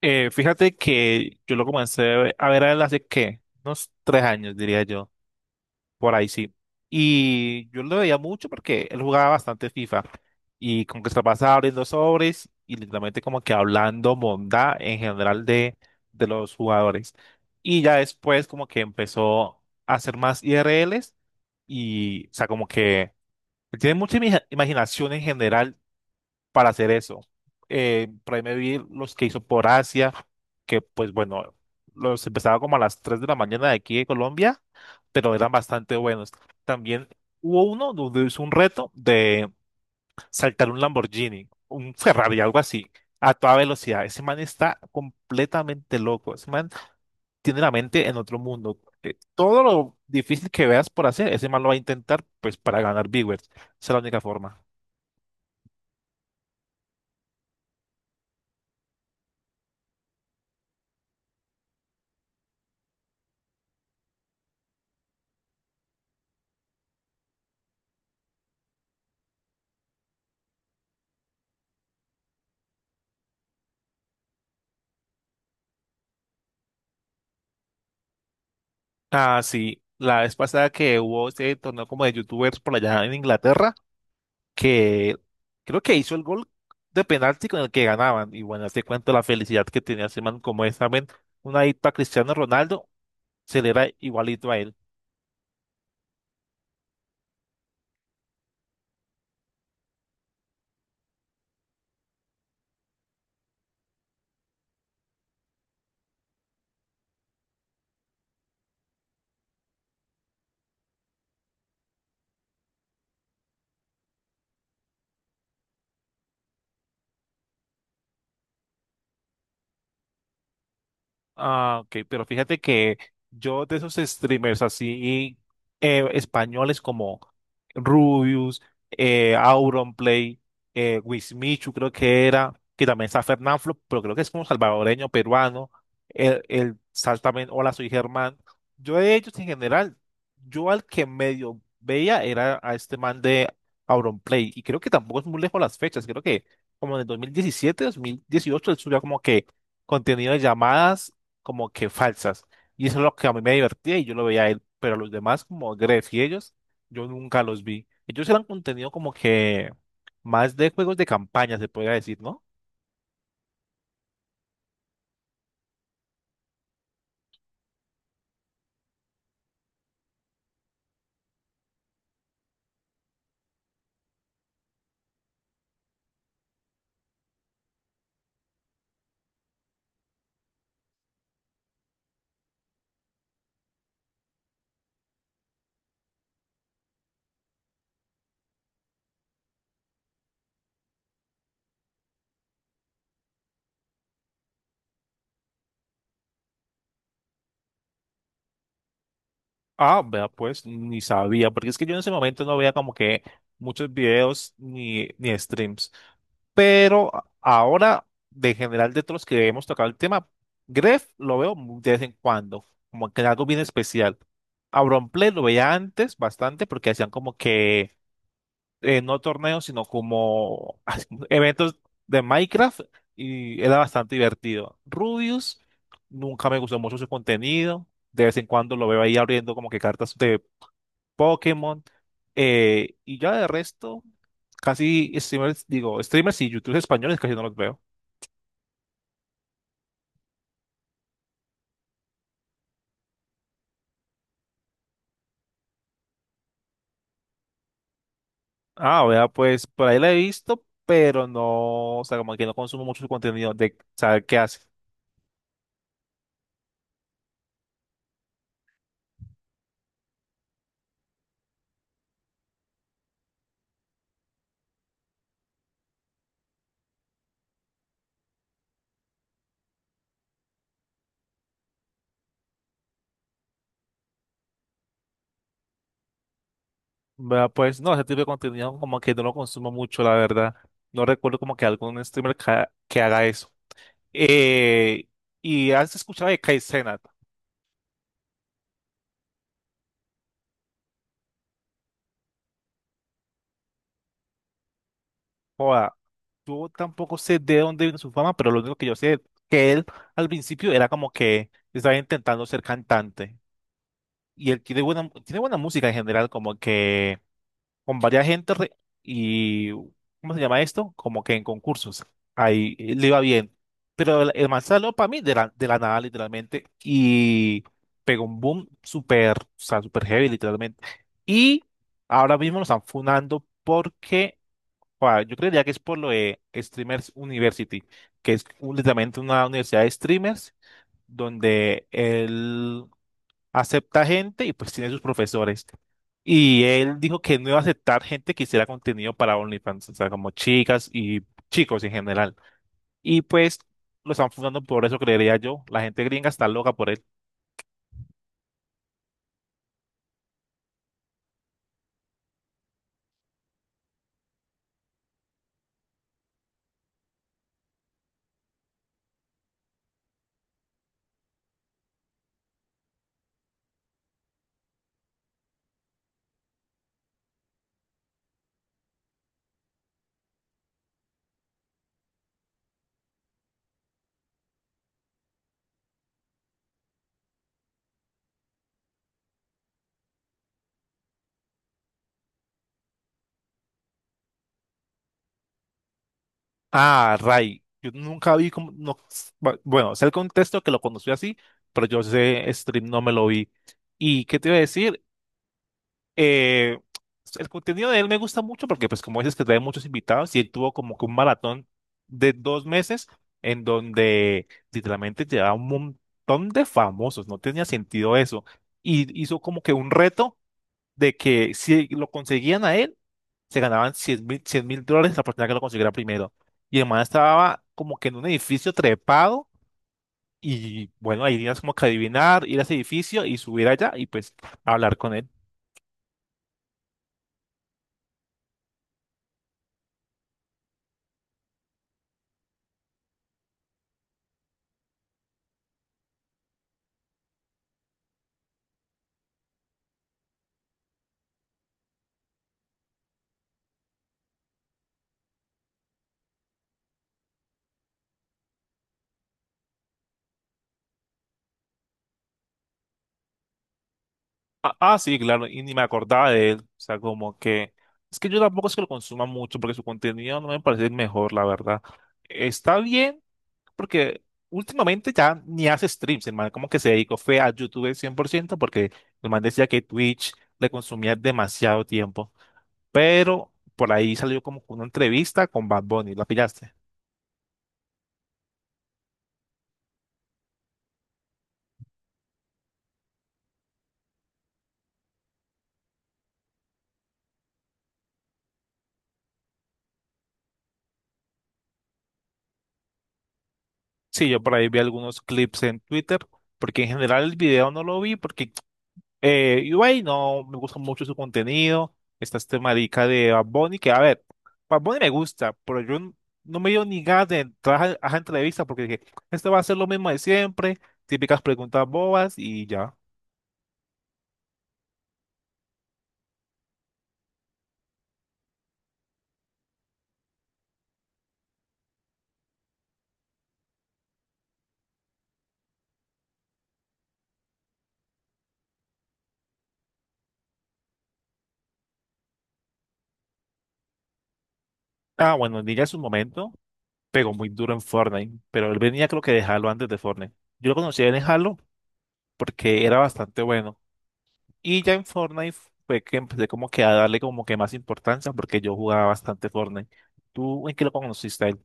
Fíjate que yo lo comencé a ver a él hace que unos 3 años, diría yo, por ahí sí. Y yo lo veía mucho porque él jugaba bastante FIFA y como que se la pasaba abriendo sobres y literalmente como que hablando bondad en general de los jugadores. Y ya después como que empezó a hacer más IRLs y, o sea, como que tiene mucha imaginación en general para hacer eso. Por ahí me vi los que hizo por Asia, que pues bueno, los empezaba como a las 3 de la mañana de aquí de Colombia, pero eran bastante buenos. También hubo uno donde hizo un reto de saltar un Lamborghini, un Ferrari, algo así, a toda velocidad. Ese man está completamente loco. Ese man tiene la mente en otro mundo. Todo lo difícil que veas por hacer, ese man lo va a intentar pues para ganar viewers. Esa es la única forma. Ah, sí. La vez pasada que hubo este torneo como de youtubers por allá en Inglaterra, que creo que hizo el gol de penalti con el que ganaban. Y bueno, te cuento la felicidad que tenía ese man como esa man, una dipa Cristiano Ronaldo, se le era igualito a él. Ah, ok, pero fíjate que yo de esos streamers así españoles como Rubius, Auronplay, Wismichu creo que era, que también está Fernanfloo, pero creo que es como salvadoreño, peruano, el Sal también, Hola, soy Germán. Yo de ellos en general, yo al que medio veía era a este man de Auronplay, y creo que tampoco es muy lejos las fechas, creo que como en el 2017, 2018, él subió como que contenido de llamadas como que falsas. Y eso es lo que a mí me divertía y yo lo veía a él, pero los demás como Gref y ellos, yo nunca los vi. Ellos eran contenido como que más de juegos de campaña, se podría decir, ¿no? Ah, vea, pues ni sabía, porque es que yo en ese momento no veía como que muchos videos ni streams. Pero ahora, de general, de todos los que hemos tocado el tema, Gref lo veo muy de vez en cuando, como que en algo bien especial. A Auronplay lo veía antes bastante porque hacían como que no torneos, sino como eventos de Minecraft y era bastante divertido. Rubius, nunca me gustó mucho su contenido. De vez en cuando lo veo ahí abriendo como que cartas de Pokémon. Y ya de resto, casi streamers, digo, streamers y youtubers españoles casi no los veo. Ah, vea, pues por ahí la he visto, pero no, o sea, como que no consumo mucho su contenido de saber qué hace. Vea, pues no, ese tipo de contenido como que no lo consumo mucho, la verdad. No recuerdo como que algún streamer que, que haga eso. Eh, y has escuchado de Kai Cenat. Joda, yo tampoco sé de dónde vino su fama, pero lo único que yo sé es que él al principio era como que estaba intentando ser cantante. Y él tiene buena música en general, como que con varias gente y, ¿cómo se llama esto? Como que en concursos. Ahí le iba bien. Pero el man salió para mí de la nada, literalmente, y pegó un boom súper, o sea, súper heavy, literalmente. Y ahora mismo lo están funando porque, o sea, yo creería que es por lo de Streamers University, que es literalmente una universidad de streamers donde él acepta gente y pues tiene sus profesores. Y él dijo que no iba a aceptar gente que hiciera contenido para OnlyFans, o sea, como chicas y chicos en general. Y pues lo están fundando por eso, creería yo. La gente gringa está loca por él. Ah, Ray, yo nunca vi como, no, bueno, sé el contexto que lo conocí así, pero yo sé stream no me lo vi. ¿Y qué te iba a decir? eh, el contenido de él me gusta mucho porque, pues, como dices que trae muchos invitados y él tuvo como que un maratón de 2 meses en donde literalmente llevaba un montón de famosos, no tenía sentido eso. Y hizo como que un reto de que si lo conseguían a él, se ganaban 100.000, 100 mil dólares la persona que lo consiguiera primero. Y el man estaba como que en un edificio trepado y bueno, ahí tenías como que adivinar, ir a ese edificio y subir allá y pues hablar con él. Ah, ah, sí, claro, y ni me acordaba de él. O sea, como que. Es que yo tampoco es que lo consuma mucho porque su contenido no me parece el mejor, la verdad. Está bien, porque últimamente ya ni hace streams, el man como que se dedicó fue a YouTube 100% porque el man decía que Twitch le consumía demasiado tiempo. Pero por ahí salió como una entrevista con Bad Bunny, ¿la pillaste? Sí, yo por ahí vi algunos clips en Twitter, porque en general el video no lo vi porque Ui no me gusta mucho su contenido. Está este marica de Bad Bunny, que a ver, Bad Bunny me gusta, pero no me dio ni ganas de entrar a esa entrevista porque dije, esto va a ser lo mismo de siempre, típicas preguntas bobas y ya. Ah, bueno, Ninja en su momento pegó muy duro en Fortnite, pero él venía creo que de Halo antes de Fortnite. Yo lo conocí en Halo porque era bastante bueno. Y ya en Fortnite fue que empecé como que a darle como que más importancia porque yo jugaba bastante Fortnite. ¿Tú en qué lo conociste?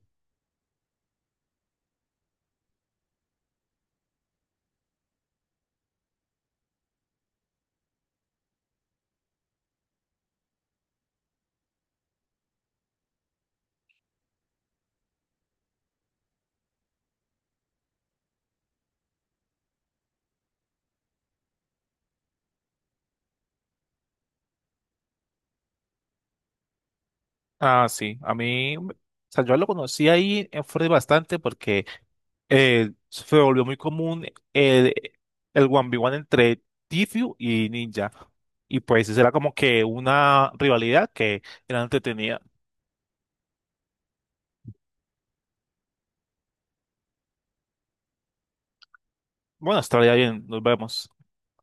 Ah, sí, a mí, o sea, yo lo conocí ahí en Fortnite bastante porque se volvió muy común el, el 1v1 entre Tfue y Ninja. Y pues eso era como que una rivalidad que era entretenida. Bueno, hasta ahora ya bien, nos vemos.